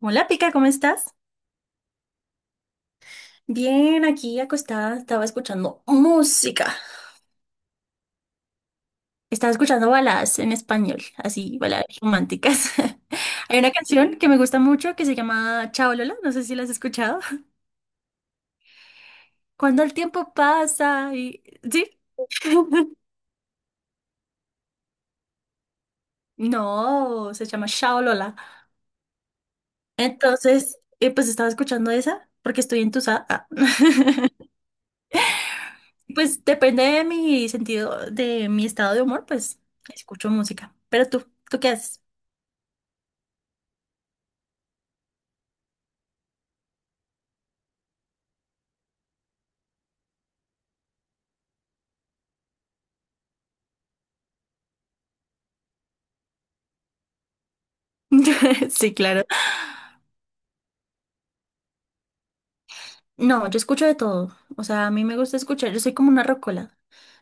Hola, Pica, ¿cómo estás? Bien, aquí acostada, estaba escuchando música. Estaba escuchando baladas en español, así, baladas románticas. Hay una canción que me gusta mucho que se llama Chao Lola, no sé si la has escuchado. Cuando el tiempo pasa y ¿sí? No, se llama Chao Lola. Entonces, pues estaba escuchando esa porque estoy entusada. Ah. Pues depende de mi sentido, de mi estado de humor, pues escucho música. Pero ¿tú qué haces? Sí, claro. No, yo escucho de todo. O sea, a mí me gusta escuchar, yo soy como una rocola.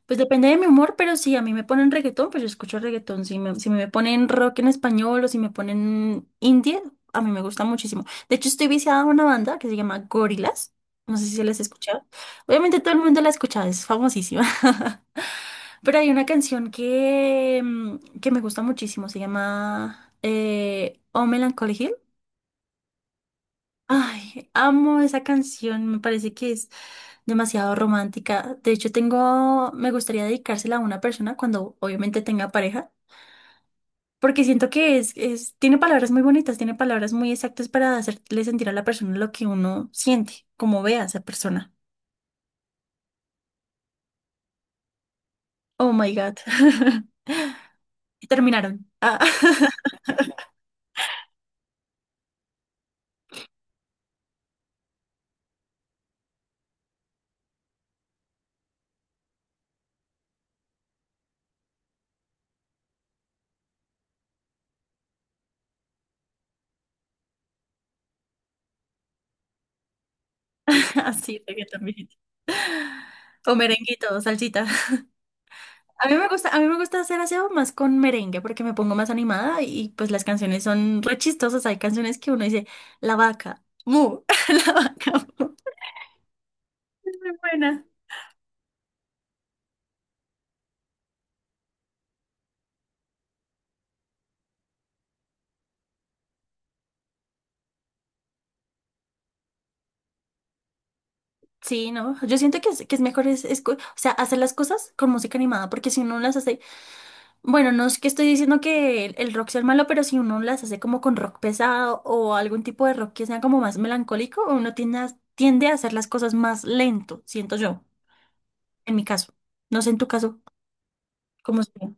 Pues depende de mi humor, pero si a mí me ponen reggaetón, pues yo escucho reggaetón. Si me ponen rock en español o si me ponen indie, a mí me gusta muchísimo. De hecho, estoy viciada a una banda que se llama Gorillaz. No sé si se las ha escuchado. Obviamente todo el mundo la ha escuchado, es famosísima. Pero hay una canción que me gusta muchísimo, se llama Oh Melancholy Hill. Ay, amo esa canción, me parece que es demasiado romántica. De hecho, me gustaría dedicársela a una persona cuando obviamente tenga pareja, porque siento que tiene palabras muy bonitas, tiene palabras muy exactas para hacerle sentir a la persona lo que uno siente, como ve a esa persona. Oh my God. Y terminaron. Ah, así, reggaetón viejito. O merenguito, o salsita. A mí me gusta hacer aseo más con merengue porque me pongo más animada y pues las canciones son re chistosas. Hay canciones que uno dice, la vaca, mu, la vaca, mu. Es muy buena. Sí, no, yo siento que es mejor o sea, hacer las cosas con música animada porque si uno las hace, bueno, no es que estoy diciendo que el rock sea el malo, pero si uno las hace como con rock pesado o algún tipo de rock que sea como más melancólico, uno tiende a hacer las cosas más lento, siento yo, en mi caso. No sé en tu caso, ¿cómo sería?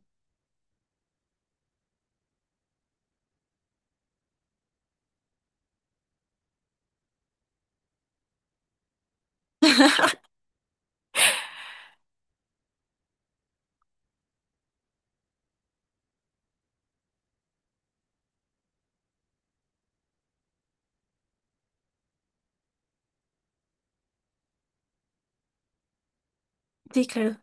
Sí, claro.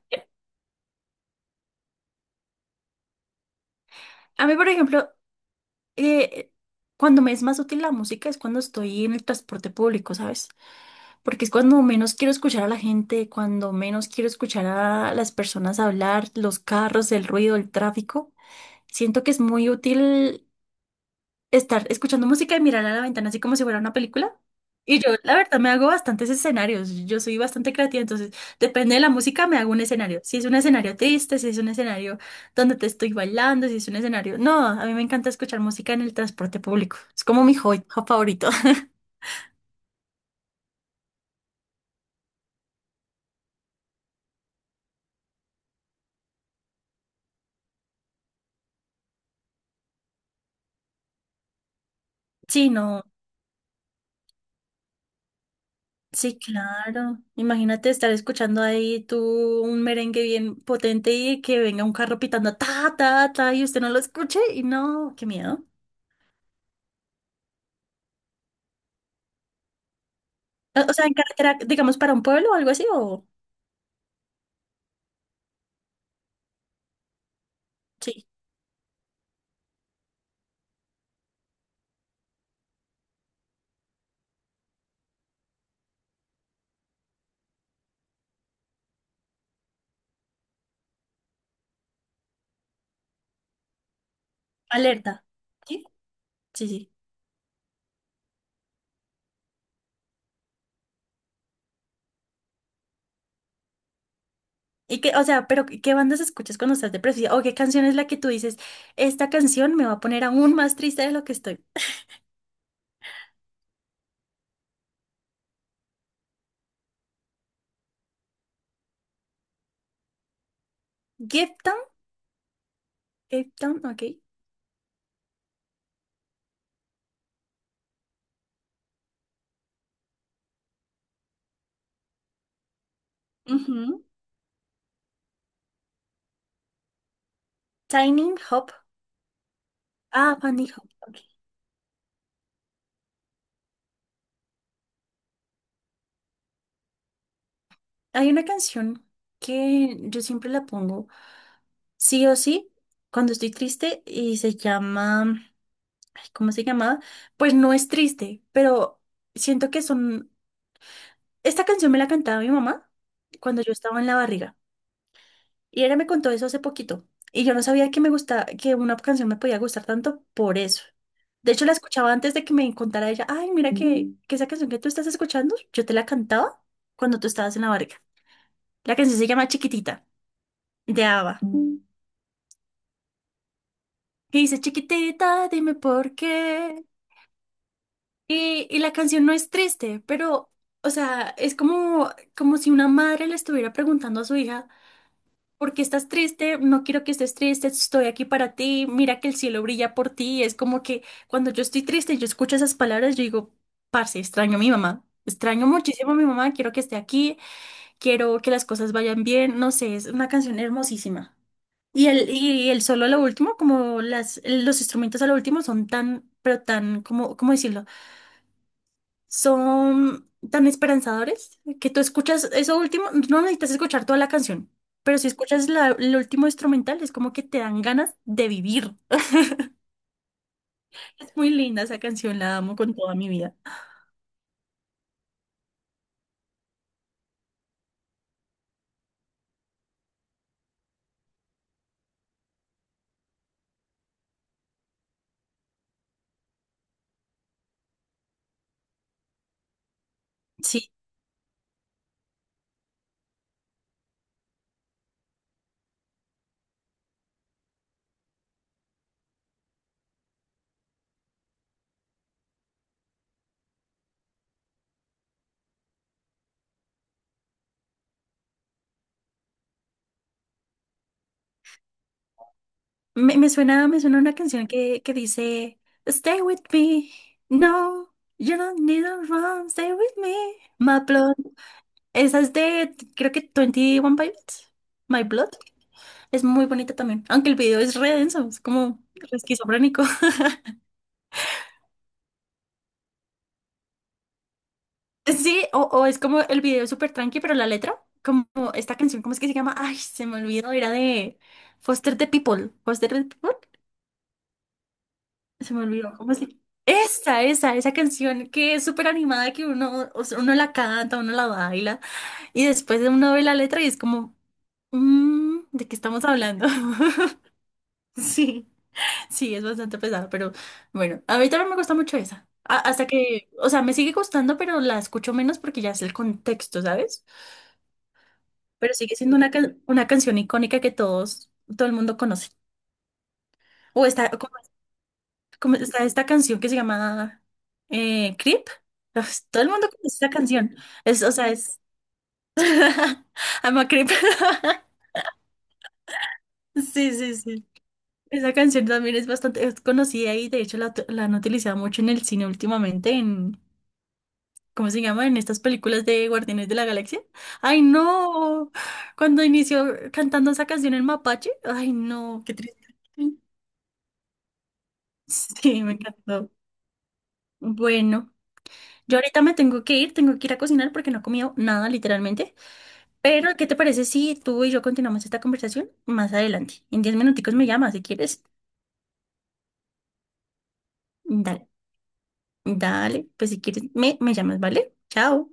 A mí, por ejemplo, eh, cuando me es más útil la música es cuando estoy en el transporte público, ¿sabes? Porque es cuando menos quiero escuchar a la gente, cuando menos quiero escuchar a las personas hablar, los carros, el ruido, el tráfico. Siento que es muy útil estar escuchando música y mirar a la ventana así como si fuera una película. Y yo, la verdad, me hago bastantes escenarios. Yo soy bastante creativa, entonces depende de la música, me hago un escenario. Si es un escenario triste, si es un escenario donde te estoy bailando, si es un escenario. No, a mí me encanta escuchar música en el transporte público. Es como mi hobby favorito. Sí, no, sí, claro. Imagínate estar escuchando ahí tú un merengue bien potente y que venga un carro pitando ta, ta, ta y usted no lo escuche y no, qué miedo. O sea, en carretera, digamos, para un pueblo o algo así, o sí, alerta. Sí, sí, sí. Y que, o sea, pero ¿qué bandas escuchas cuando estás depresiva? ¿O qué canción es la que tú dices, esta canción me va a poner aún más triste de lo que estoy? Gift Town, Gift Town, ok. Ujú. Tiny Hop. Ah, Fanny Hop, ok. Hay una canción que yo siempre la pongo, sí o sí, cuando estoy triste y se llama, ay, ¿cómo se llama? Pues no es triste, pero siento que son. Esta canción me la cantaba mi mamá cuando yo estaba en la barriga y ella me contó eso hace poquito y yo no sabía que me gustaba, que una canción me podía gustar tanto por eso. De hecho, la escuchaba antes de que me contara ella, ay, mira que, Mm. que esa canción que tú estás escuchando, yo te la cantaba cuando tú estabas en la barriga. La canción se llama Chiquitita, de ABBA. Mm. Y dice, chiquitita, dime por qué. Y la canción no es triste, pero, o sea, es como si una madre le estuviera preguntando a su hija. ¿Porque estás triste? No quiero que estés triste, estoy aquí para ti, mira que el cielo brilla por ti. Es como que cuando yo estoy triste y yo escucho esas palabras, yo digo, parce, extraño a mi mamá, extraño muchísimo a mi mamá, quiero que esté aquí, quiero que las cosas vayan bien, no sé, es una canción hermosísima. Y el solo a lo último, como las, los instrumentos a lo último son tan, pero tan, como, ¿cómo decirlo? Son tan esperanzadores que tú escuchas eso último, no necesitas escuchar toda la canción, pero si escuchas la, el último instrumental es como que te dan ganas de vivir. Es muy linda esa canción, la amo con toda mi vida. Sí, me suena una canción que dice, stay with me, no, you don't need to run, stay with me, my blood. Esa es de, creo que twenty one Pilots, My Blood. Es muy bonita también, aunque el video es re denso, es como re esquizofrénico. Sí, o es como el video es súper tranqui, pero la letra, como esta canción, ¿cómo es que se llama? Ay, se me olvidó, era de Foster the People. Foster the People, se me olvidó, ¿cómo se Esa canción que es súper animada, que uno, o sea, uno la canta, uno la baila, y después uno ve la letra y es como, "Mm, ¿de qué estamos hablando? Sí, sí, es bastante pesado, pero bueno, a mí también me gusta mucho esa. Hasta que, o sea, me sigue gustando, pero la escucho menos porque ya es el contexto, ¿sabes? Pero sigue siendo una canción icónica que todos, todo el mundo conoce. O está, como está esta canción que se llama Creep. Pues, todo el mundo conoce esta canción. Es, o sea, es I'm a Creep. Sí, sí, sí. Esa canción también es bastante es conocida y de hecho la han utilizado mucho en el cine últimamente, en, ¿cómo se llama? En estas películas de Guardianes de la Galaxia. ¡Ay, no! Cuando inició cantando esa canción en Mapache, ¡ay, no! ¡Qué triste! Sí, me encantó. Bueno, yo ahorita me tengo que ir a cocinar porque no he comido nada, literalmente. Pero, ¿qué te parece si tú y yo continuamos esta conversación más adelante? En 10 minuticos me llamas si quieres. Dale, dale, pues si quieres me llamas, ¿vale? Chao.